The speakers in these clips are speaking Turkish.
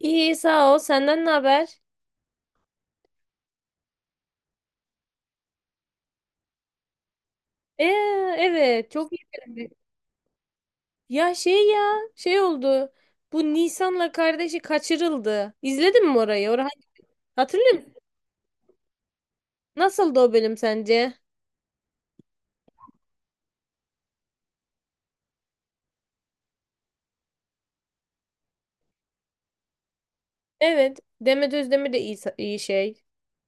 İyi sağ ol. Senden ne haber? Ee, evet çok iyi. Ya şey ya şey oldu. Bu Nisan'la kardeşi kaçırıldı. İzledin mi orayı? Orayı hatırlıyor musun? Nasıldı o bölüm sence? Evet. Demet Özdemir de iyi, iyi şey.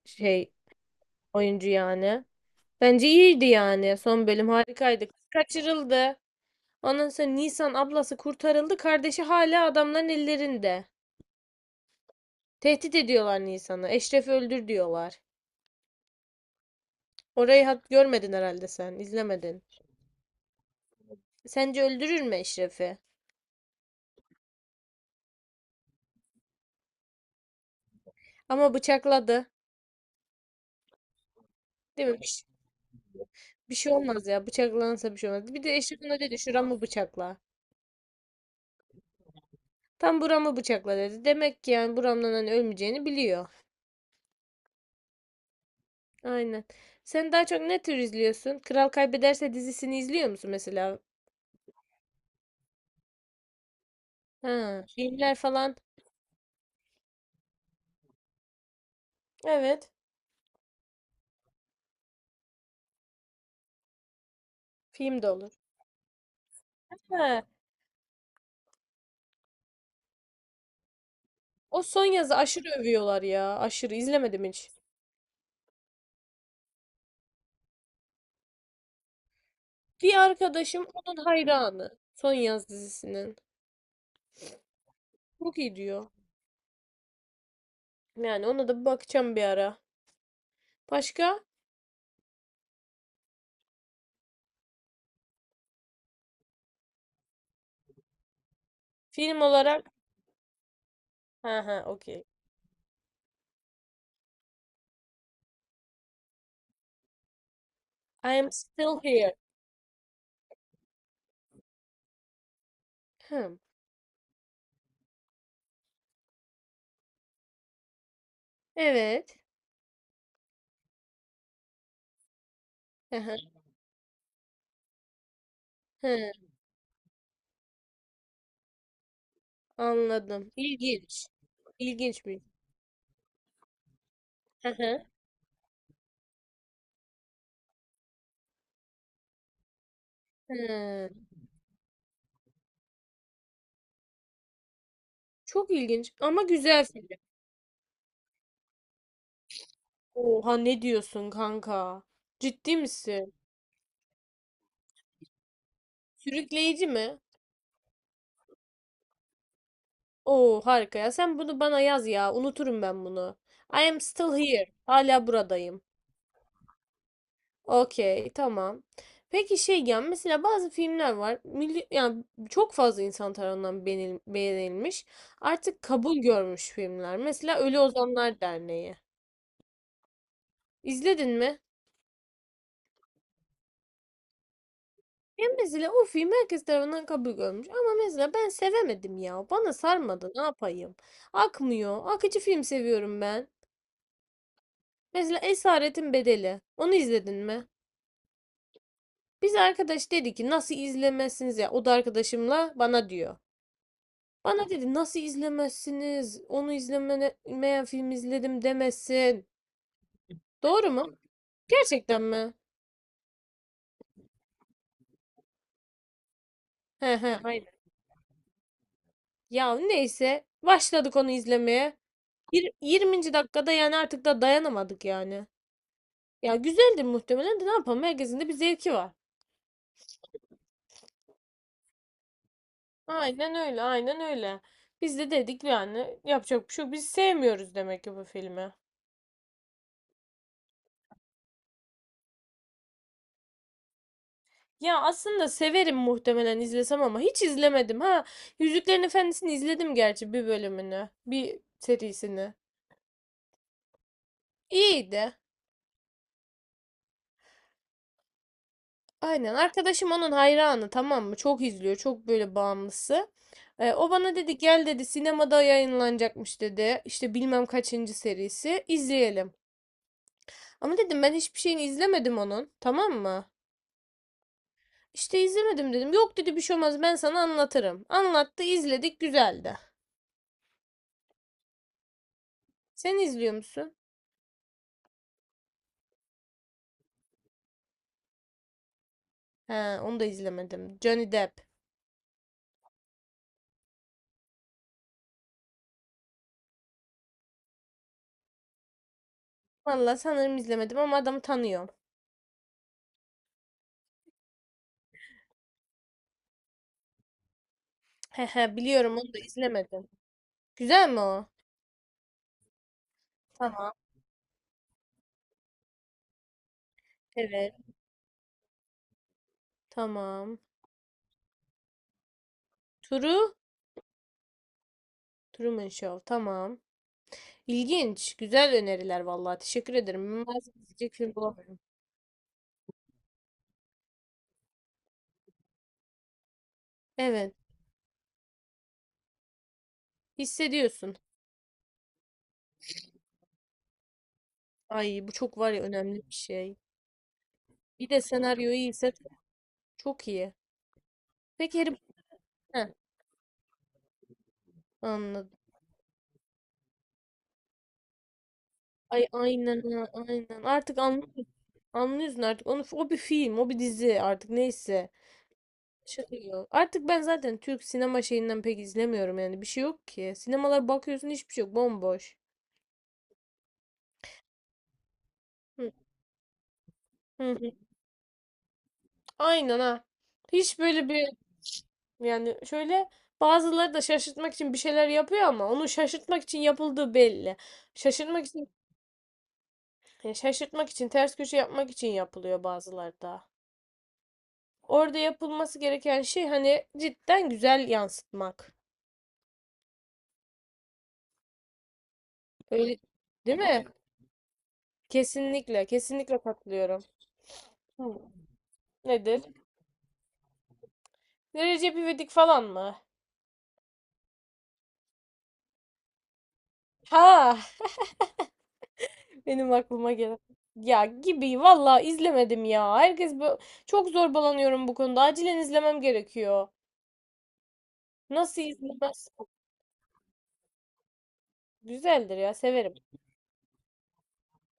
Şey oyuncu yani. Bence iyiydi yani. Son bölüm harikaydı. Kız kaçırıldı. Ondan sonra Nisan ablası kurtarıldı. Kardeşi hala adamların ellerinde. Tehdit ediyorlar Nisan'ı. Eşref'i öldür diyorlar. Orayı hat görmedin herhalde sen, izlemedin. Sence öldürür mü Eşref'i? Ama bıçakladı. Değil mi? Bir şey olmaz ya. Bıçaklanırsa bir şey olmaz. Bir de Eşref'in öyle dedi. Şuramı bıçakla. Tam buramı bıçakla dedi. Demek ki yani buramdan hani ölmeyeceğini biliyor. Aynen. Sen daha çok ne tür izliyorsun? Kral Kaybederse dizisini izliyor musun mesela? Ha, filmler falan. Evet. Film de olur. Ha, o son yazı aşırı övüyorlar ya. Aşırı izlemedim hiç. Bir arkadaşım onun hayranı. Son yaz dizisinin. Çok iyi diyor. Yani ona da bir bakacağım bir ara. Başka? Film olarak. Ha ha okey. I am still here. Hmm. Evet. Hı hı. Hı, anladım. İlginç. İlginç bir. Hı hı. Hı. Çok ilginç ama güzel film. Oha ne diyorsun kanka? Ciddi misin? Sürükleyici mi? Oo harika ya. Sen bunu bana yaz ya. Unuturum ben bunu. I am still here. Hala buradayım. Okey, tamam. Peki şey ya mesela bazı filmler var. Milli, yani çok fazla insan tarafından beğenilmiş. Artık kabul görmüş filmler. Mesela Ölü Ozanlar Derneği. İzledin mi? Ya mesela o film herkes tarafından kabul görmüş. Ama mesela ben sevemedim ya. Bana sarmadı. Ne yapayım? Akmıyor. Akıcı film seviyorum ben. Mesela Esaretin Bedeli. Onu izledin mi? Biz arkadaş dedi ki nasıl izlemezsiniz ya? O da arkadaşımla bana diyor. Bana dedi nasıl izlemezsiniz? Onu izlemeyen film izledim demesin. Doğru mu? Gerçekten mi? He he aynen. Ya neyse başladık onu izlemeye. 20. dakikada yani artık da dayanamadık yani. Ya güzeldi muhtemelen de ne yapalım herkesin de bir zevki var. Aynen öyle, aynen öyle. Biz de dedik yani yapacak bir şey yok. Biz sevmiyoruz demek ki bu filmi. Ya aslında severim muhtemelen izlesem ama hiç izlemedim ha. Yüzüklerin Efendisi'ni izledim gerçi bir bölümünü, bir serisini. İyiydi. Aynen. Arkadaşım onun hayranı tamam mı? Çok izliyor. Çok böyle bağımlısı. O bana dedi gel dedi sinemada yayınlanacakmış dedi. İşte bilmem kaçıncı serisi. İzleyelim. Ama dedim ben hiçbir şeyini izlemedim onun. Tamam mı? İşte izlemedim dedim. Yok dedi bir şey olmaz ben sana anlatırım. Anlattı izledik güzeldi. Sen izliyor musun? He, onu da izlemedim. Johnny Depp. Vallahi sanırım izlemedim ama adamı tanıyorum. He he biliyorum onu da izlemedim. Güzel mi o? Tamam. Evet. Tamam. Turu? Truman Show. Tamam. İlginç. Güzel öneriler vallahi. Teşekkür ederim. Maalesef izleyecek film bulamıyorum. Evet. Hissediyorsun. Ay bu çok var ya önemli bir şey. Bir de senaryo iyiyse çok iyi. Peki Harry. Heh, anladım. Ay aynen ha, aynen. Artık anlıyorum. Anlıyorsun artık. Onu, o bir film, o bir dizi artık neyse. Şaka gibi. Artık ben zaten Türk sinema şeyinden pek izlemiyorum yani. Bir şey yok ki. Sinemalara bakıyorsun hiçbir şey yok. Bomboş. Hı, hı, hı. Aynen ha. Hiç böyle bir, yani şöyle, bazıları da şaşırtmak için bir şeyler yapıyor ama onu şaşırtmak için yapıldığı belli. Şaşırtmak için, ya şaşırtmak için ters köşe yapmak için yapılıyor bazıları da. Orada yapılması gereken şey hani cidden güzel yansıtmak. Öyle değil mi? Kesinlikle, kesinlikle katılıyorum. Hı. Nedir? Ne Recep İvedik falan mı? Ha, benim aklıma gelen. Ya gibi valla izlemedim ya. Herkes bu çok zorbalanıyorum bu konuda. Acilen izlemem gerekiyor. Nasıl izlemez? Güzeldir ya severim.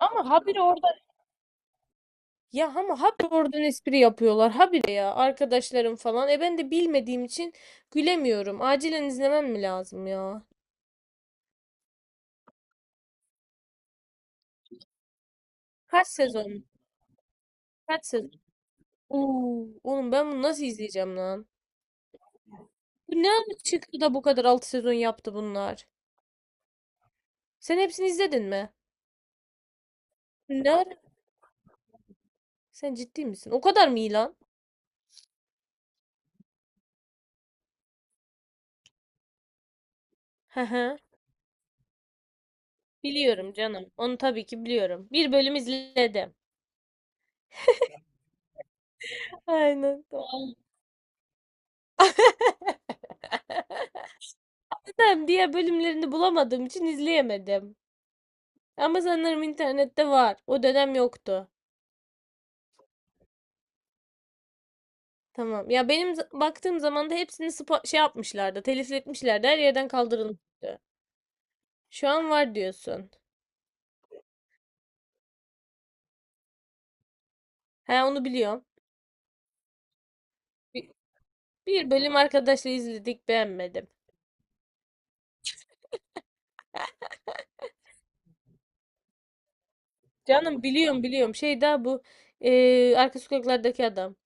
Ama habire orada, ya ama habire oradan espri yapıyorlar. Habire ya arkadaşlarım falan. E ben de bilmediğim için gülemiyorum. Acilen izlemem mi lazım ya? Kaç sezon? Kaç sezon? Oo, oğlum ben bunu nasıl izleyeceğim lan? Bu ne ara çıktı da bu kadar 6 sezon yaptı bunlar? Sen hepsini izledin mi? Ne Sen ciddi misin? O kadar mı iyi lan? Hı hı. Biliyorum canım. Onu tabii ki biliyorum. Bir bölüm izledim. Aynen. Tamam. Neden? Diğer bölümlerini bulamadığım için izleyemedim. Ama sanırım internette var. O dönem yoktu. Tamam. Ya benim baktığım zaman da hepsini şey yapmışlardı. Telif etmişlerdi. Her yerden kaldırılmıştı. Şu an var diyorsun. He onu biliyorum. Bi- Bir bölüm arkadaşla izledik beğenmedim. Canım biliyorum, biliyorum. Şey daha bu arka sokaklardaki adam.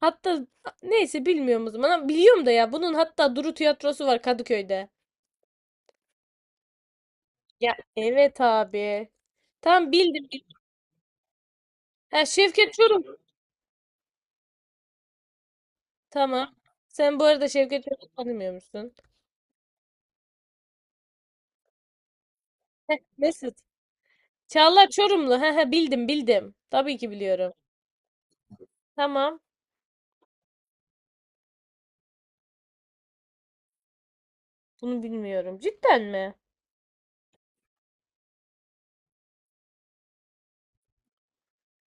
Hatta neyse bilmiyorum o zaman. Ama biliyorum da ya bunun hatta Duru tiyatrosu var Kadıköy'de. Ya evet abi. Tam bildim, bildim. Ha Şevket Çoruh. Tamam. Sen bu arada Şevket Çoruh'u tanımıyor musun? Heh, Mesut. Çağlar Çorumlu. He he bildim, bildim. Tabii ki biliyorum. Tamam. Bunu bilmiyorum. Cidden mi?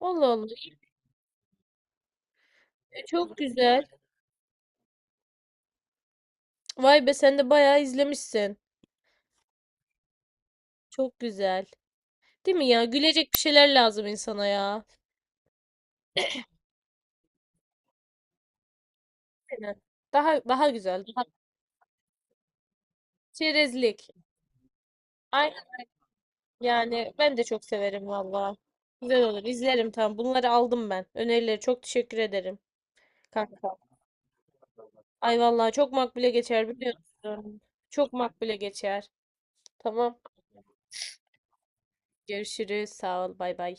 Allah Allah. E, çok güzel. Vay be sen de bayağı izlemişsin. Çok güzel. Değil mi ya? Gülecek bir şeyler lazım insana ya. Aynen. Daha daha güzel. Daha çerezlik. Ay yani ben de çok severim valla. Güzel olur. İzlerim tamam. Bunları aldım ben. Önerileri çok teşekkür ederim kanka. Ay vallahi çok makbule geçer biliyorsun. Çok makbule geçer. Tamam. Görüşürüz. Sağ ol. Bay bay.